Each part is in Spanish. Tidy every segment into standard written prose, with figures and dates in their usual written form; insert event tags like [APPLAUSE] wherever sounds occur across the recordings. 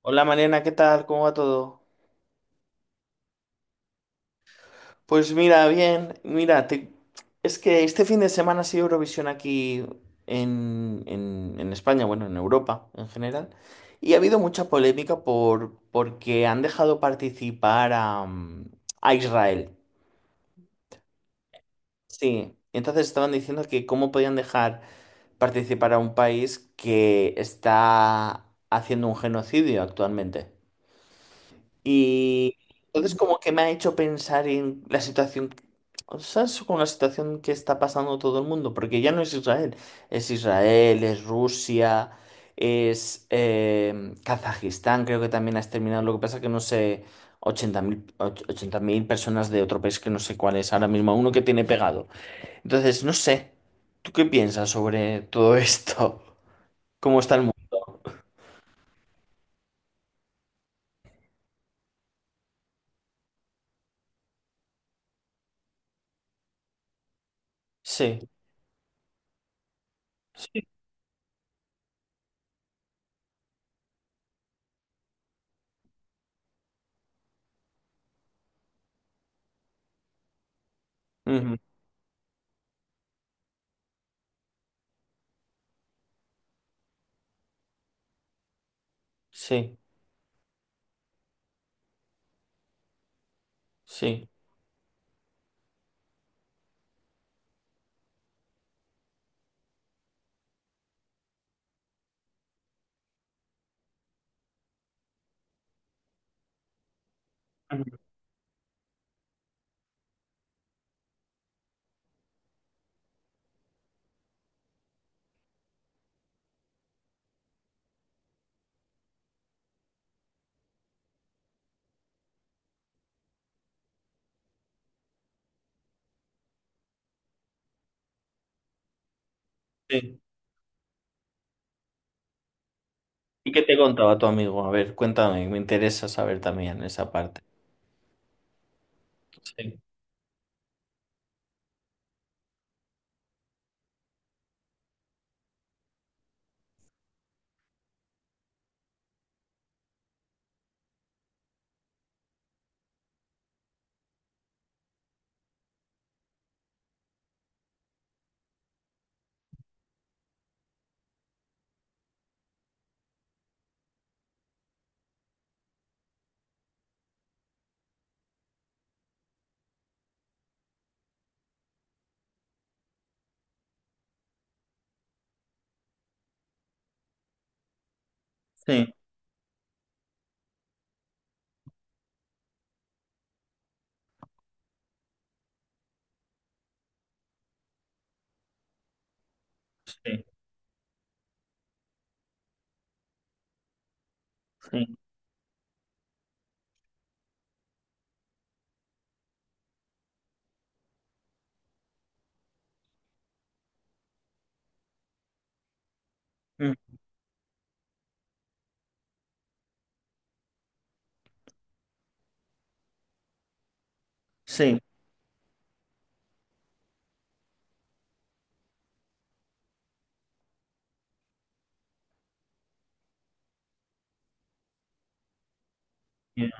Hola Mariana, ¿qué tal? ¿Cómo va todo? Pues mira, bien, mira, es que este fin de semana ha sido Eurovisión aquí en España, bueno, en Europa en general, y ha habido mucha polémica porque han dejado participar a Israel. Sí, entonces estaban diciendo que cómo podían dejar participar a un país que está haciendo un genocidio actualmente. Y entonces como que me ha hecho pensar en la situación, o sea, es con la situación que está pasando todo el mundo, porque ya no es Israel, es Israel, es Rusia, es Kazajistán, creo que también ha exterminado, lo que pasa que no sé, 80.000 personas de otro país que no sé cuál es ahora mismo, uno que tiene pegado. Entonces, no sé, ¿tú qué piensas sobre todo esto? [LAUGHS] ¿Cómo está el mundo? Sí, sí, ujú, sí, sí. Ujú, sí. ¿Y qué te contaba tu amigo? A ver, cuéntame, me interesa saber también esa parte. Sí, sí, sí, sí, mm, sí, ya,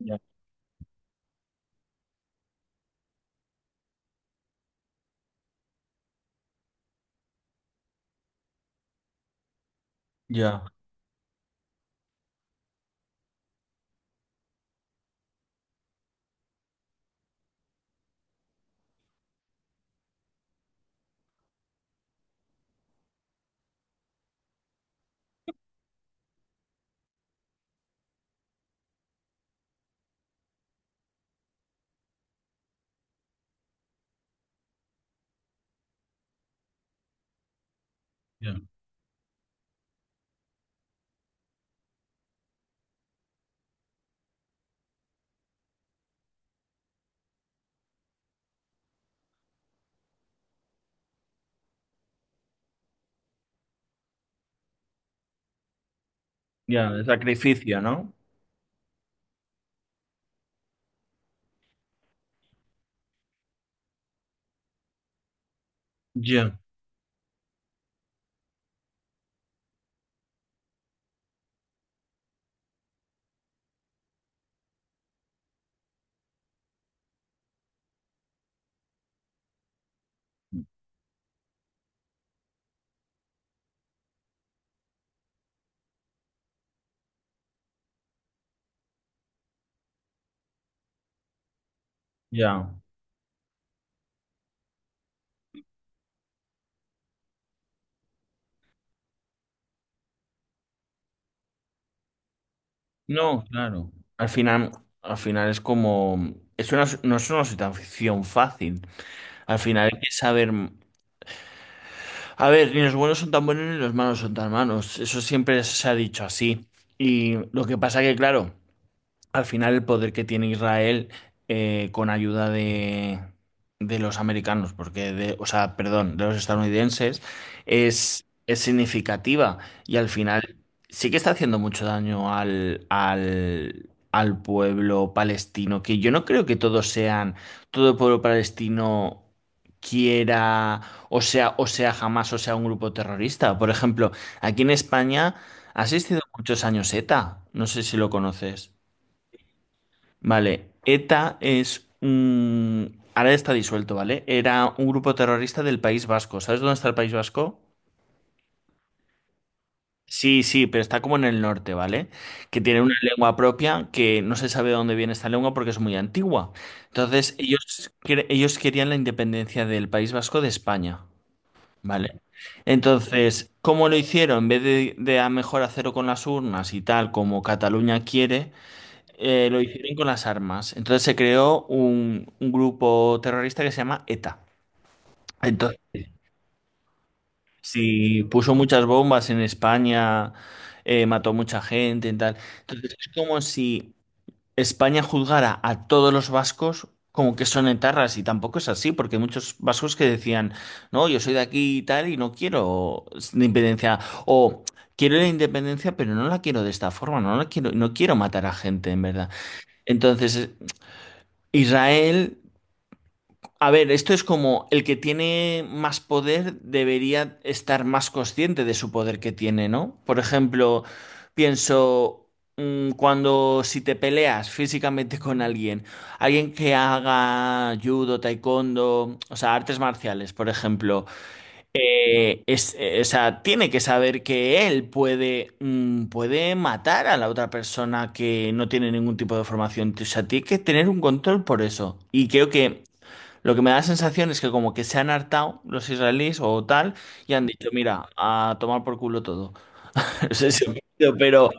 ya, ya, ya, ya, el sacrificio, ¿no? Ya, ya. No, claro. Al final, es como, es una, no es una situación fácil. Al final hay que saber, a ver, ni los buenos son tan buenos ni los malos son tan malos. Eso siempre se ha dicho así. Y lo que pasa que, claro. Al final el poder que tiene Israel con ayuda de los americanos, porque de, o sea, perdón, de los estadounidenses, es significativa y al final sí que está haciendo mucho daño al pueblo palestino, que yo no creo que todos sean, todo el pueblo palestino quiera, o sea, jamás, o sea, un grupo terrorista. Por ejemplo, aquí en España ha existido muchos años ETA, no sé si lo conoces. Vale, ETA es un... Ahora está disuelto, ¿vale? Era un grupo terrorista del País Vasco. ¿Sabes dónde está el País Vasco? Sí, sí, pero está como en el norte, ¿vale? Que tiene una lengua propia que no se sabe de dónde viene esta lengua porque es muy antigua. Entonces, ellos querían la independencia del País Vasco de España, ¿vale? Entonces, ¿cómo lo hicieron? En vez de a mejor hacerlo con las urnas y tal, como Cataluña quiere, lo hicieron con las armas. Entonces se creó un grupo terrorista que se llama ETA. Entonces, sí, puso muchas bombas en España, mató mucha gente y tal. Entonces es como si España juzgara a todos los vascos como que son etarras y tampoco es así, porque hay muchos vascos que decían, no, yo soy de aquí y tal y no quiero la independencia o quiero la independencia, pero no la quiero de esta forma, no la quiero, no quiero matar a gente en verdad. Entonces, Israel a ver, esto es como el que tiene más poder debería estar más consciente de su poder que tiene, ¿no? Por ejemplo, pienso, cuando si te peleas físicamente con alguien, alguien que haga judo, taekwondo, o sea, artes marciales, por ejemplo, o sea, tiene que saber que él puede matar a la otra persona que no tiene ningún tipo de formación. O sea, tiene que tener un control por eso. Y creo que lo que me da la sensación es que como que se han hartado los israelíes o tal y han dicho, mira, a tomar por culo todo. [LAUGHS] No sé si ofendido, pero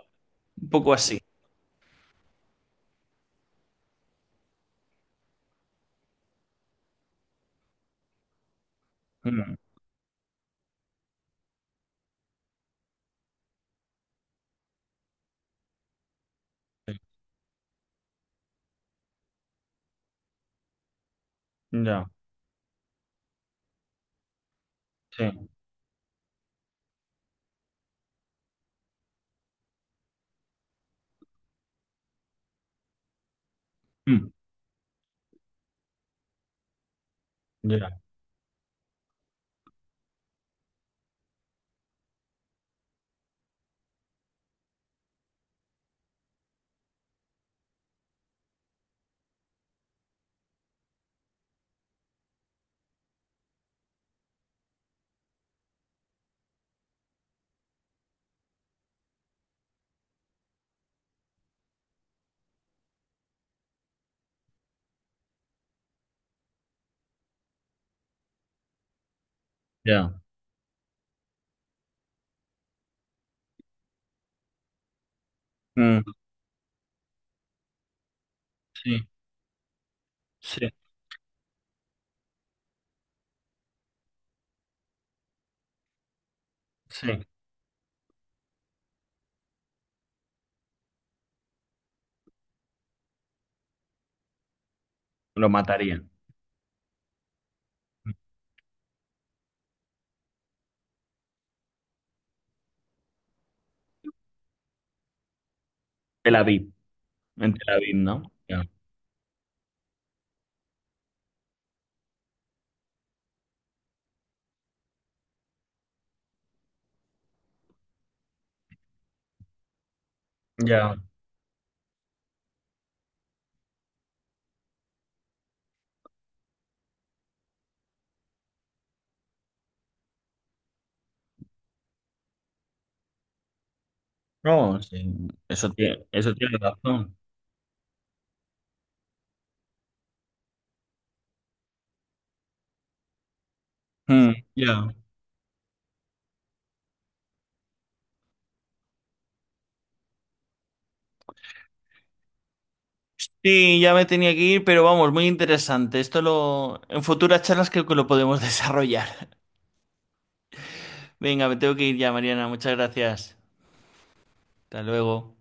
un poco así. Mm, ya, sí. Mm, ya, ya. Mm, sí, sí, sí. Lo matarían. Tel Aviv, en Tel Aviv, ¿no? Ya. Ya. No, sí. Eso tiene razón. Mm, ya. Sí, ya me tenía que ir, pero vamos, muy interesante. En futuras charlas creo que lo podemos [LAUGHS] desarrollar. Venga, me tengo que ir ya, Mariana. Muchas gracias. Hasta luego.